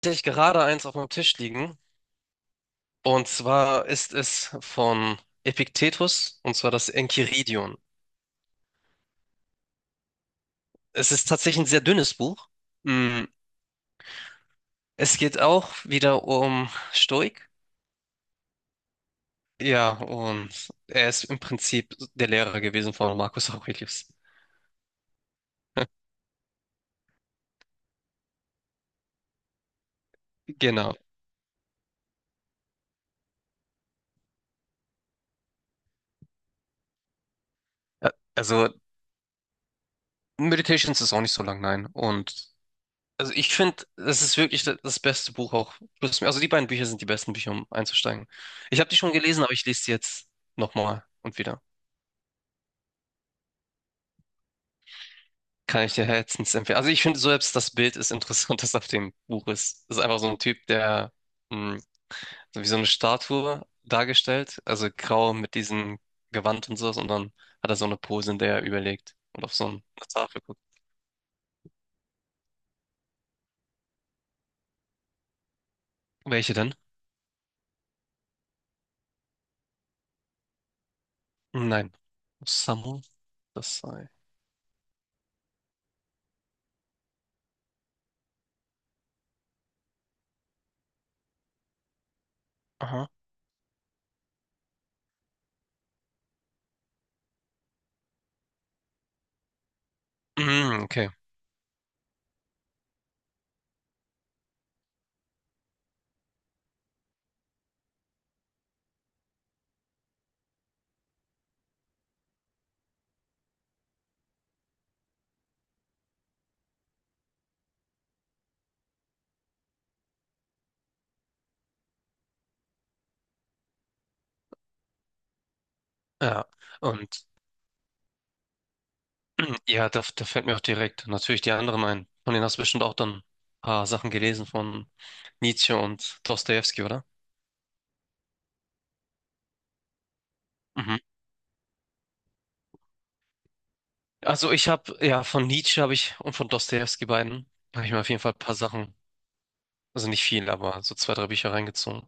Tatsächlich gerade eins auf meinem Tisch liegen. Und zwar ist es von Epiktetus, und zwar das Enchiridion. Es ist tatsächlich ein sehr dünnes Buch. Mm, Es geht auch wieder um Stoik. Ja, und er ist im Prinzip der Lehrer gewesen von Marcus Aurelius. Genau. Ja, also Meditations ist auch nicht so lang, nein. Und also ich finde, das ist wirklich das beste Buch auch. Also die beiden Bücher sind die besten Bücher, um einzusteigen. Ich habe die schon gelesen, aber ich lese sie jetzt nochmal und wieder. Kann ich dir herzens empfehlen. Also ich finde selbst das Bild ist interessant, das auf dem Buch ist. Das ist einfach so ein Typ, der mh, so wie so eine Statue dargestellt, also grau mit diesem Gewand und sowas, und dann hat er so eine Pose, in der er überlegt und auf so eine Tafel guckt. Welche denn? Nein, Samu, das sei. Aha. Mm, okay. Ja. Und ja, da fällt mir auch direkt natürlich die anderen ein. Von denen hast du bestimmt auch dann ein paar Sachen gelesen von Nietzsche und Dostojewski, oder? Mhm. Also ich habe, ja, von Nietzsche habe ich, und von Dostojewski beiden habe ich mir auf jeden Fall ein paar Sachen, also nicht viel, aber so zwei, drei Bücher reingezogen.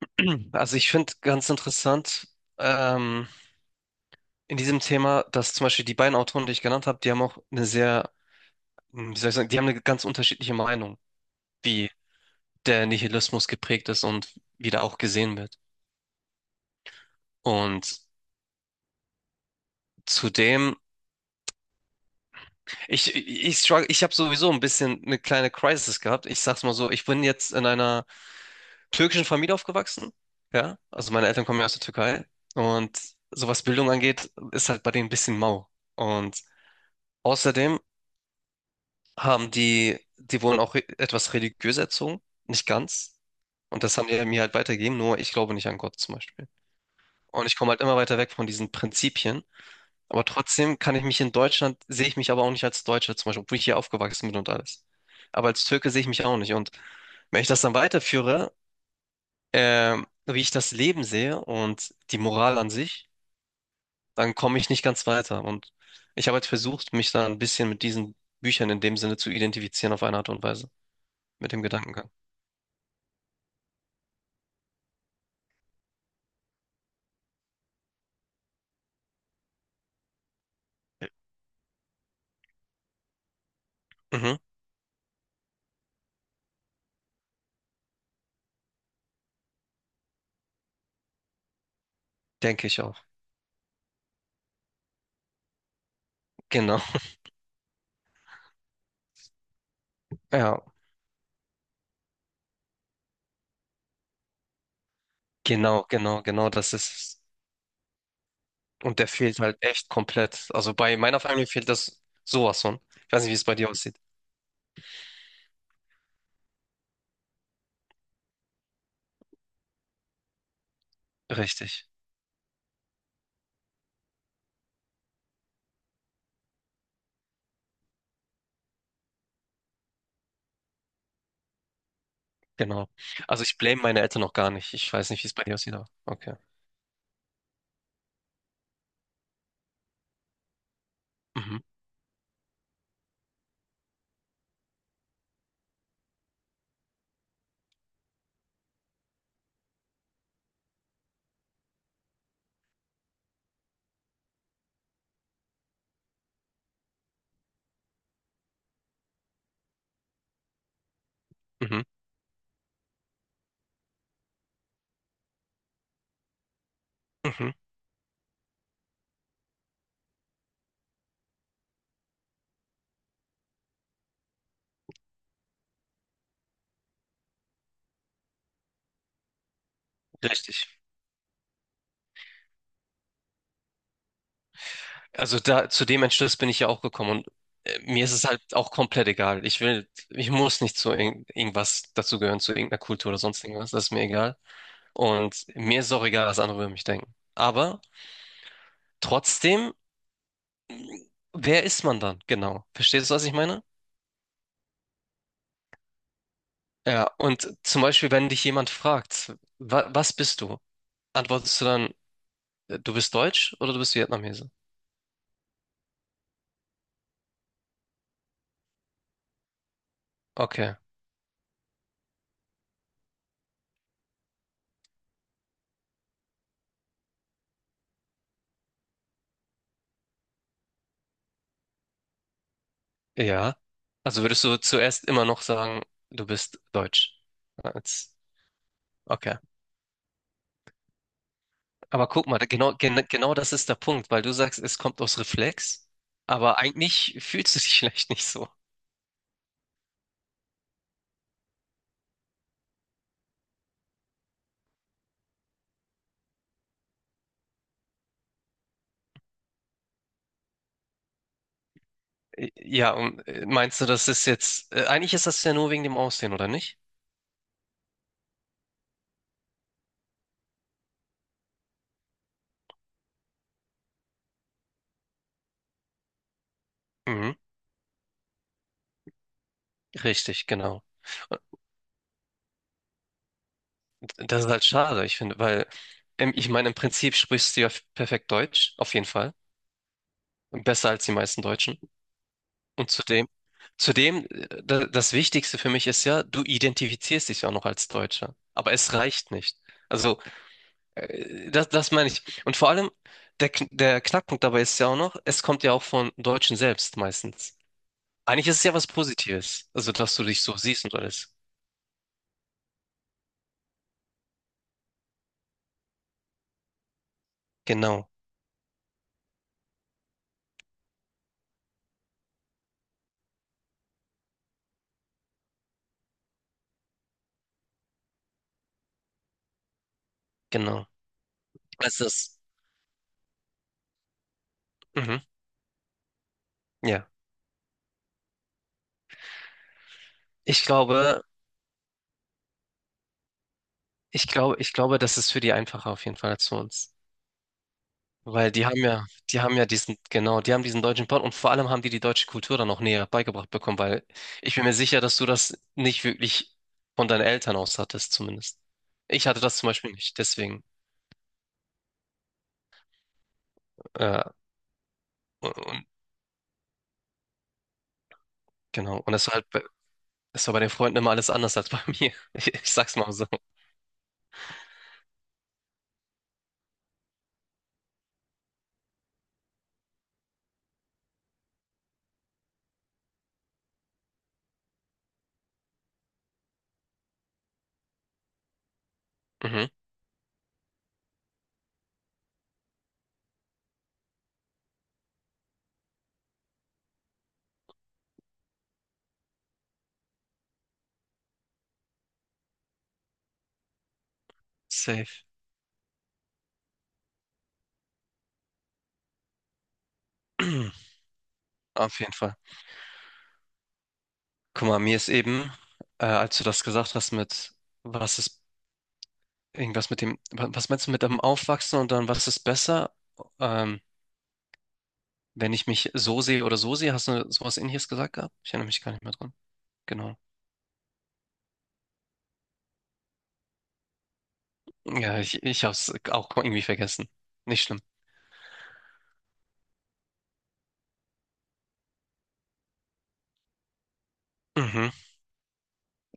Also ich finde ganz interessant, ähm, in diesem Thema, dass zum Beispiel die beiden Autoren, die ich genannt habe, die haben auch eine sehr, wie soll ich sagen, die haben eine ganz unterschiedliche Meinung, wie der Nihilismus geprägt ist und wie der auch gesehen wird. Und zudem, struggle, ich habe sowieso ein bisschen eine kleine Crisis gehabt. Ich sag's mal so, ich bin jetzt in einer türkischen Familie aufgewachsen. Ja, also meine Eltern kommen ja aus der Türkei. Und so was Bildung angeht, ist halt bei denen ein bisschen mau. Und außerdem haben die, wurden auch etwas religiös erzogen, nicht ganz. Und das haben die mir halt weitergegeben, nur ich glaube nicht an Gott zum Beispiel. Und ich komme halt immer weiter weg von diesen Prinzipien. Aber trotzdem kann ich mich in Deutschland, sehe ich mich aber auch nicht als Deutscher, zum Beispiel, obwohl ich hier aufgewachsen bin und alles. Aber als Türke sehe ich mich auch nicht. Und wenn ich das dann weiterführe, wie ich das Leben sehe und die Moral an sich, dann komme ich nicht ganz weiter. Und ich habe jetzt versucht, mich da ein bisschen mit diesen Büchern in dem Sinne zu identifizieren, auf eine Art und Weise, mit dem Gedankengang. Mhm, denke ich auch. Genau. Ja, genau, genau, genau, das ist. Und der fehlt halt echt komplett. Also bei meiner Familie fehlt das sowas von. Ich weiß nicht, wie es bei dir aussieht. Richtig, genau. Also ich blame meine Eltern noch gar nicht. Ich weiß nicht, wie es bei dir aussieht, aber okay. Mhm, mhm, mhm. Richtig. Also da zu dem Entschluss bin ich ja auch gekommen, und mir ist es halt auch komplett egal. Ich will, ich muss nicht zu irgendwas dazugehören, zu irgendeiner Kultur oder sonst irgendwas. Das ist mir egal. Und mir ist auch egal, was andere über mich denken. Aber trotzdem, wer ist man dann? Genau. Verstehst du, was ich meine? Ja, und zum Beispiel, wenn dich jemand fragt: wa was bist du? Antwortest du dann: Du bist Deutsch, oder du bist Vietnamese? Okay, ja. Also würdest du zuerst immer noch sagen, du bist Deutsch? Als, okay. Aber guck mal, genau, genau das ist der Punkt, weil du sagst, es kommt aus Reflex, aber eigentlich fühlst du dich vielleicht nicht so. Ja, und meinst du, das ist jetzt, eigentlich ist das ja nur wegen dem Aussehen, oder nicht? Mhm. Richtig, genau. Und das ist halt schade, ich finde, weil, ich meine, im Prinzip sprichst du ja perfekt Deutsch, auf jeden Fall. Besser als die meisten Deutschen. Und zudem, das Wichtigste für mich ist ja, du identifizierst dich ja auch noch als Deutscher. Aber es reicht nicht. Also, das meine ich. Und vor allem, der Knackpunkt dabei ist ja auch noch, es kommt ja auch von Deutschen selbst meistens. Eigentlich ist es ja was Positives. Also, dass du dich so siehst und alles. Genau, genau. Also das, mhm, ja. Ich glaube, ich glaube, das ist für die einfacher auf jeden Fall als für uns. Weil die haben ja diesen, genau, die haben diesen deutschen Part, und vor allem haben die die deutsche Kultur dann noch näher beigebracht bekommen, weil ich bin mir sicher, dass du das nicht wirklich von deinen Eltern aus hattest, zumindest. Ich hatte das zum Beispiel nicht, deswegen, äh, und, und- genau, und es war halt, es war bei den Freunden immer alles anders als bei mir. Ich sag's mal so. Mhm. Safe. Auf jeden Fall. Guck mal, mir ist eben, als du das gesagt hast mit, was ist irgendwas mit dem, was meinst du mit dem Aufwachsen und dann was ist besser? Ähm, Wenn ich mich so sehe oder so sehe, hast du sowas Ähnliches gesagt gehabt? Ich erinnere mich gar nicht mehr dran. Genau. Ja, ich habe es auch irgendwie vergessen. Nicht schlimm. Mhm.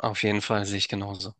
Auf jeden Fall sehe ich genauso.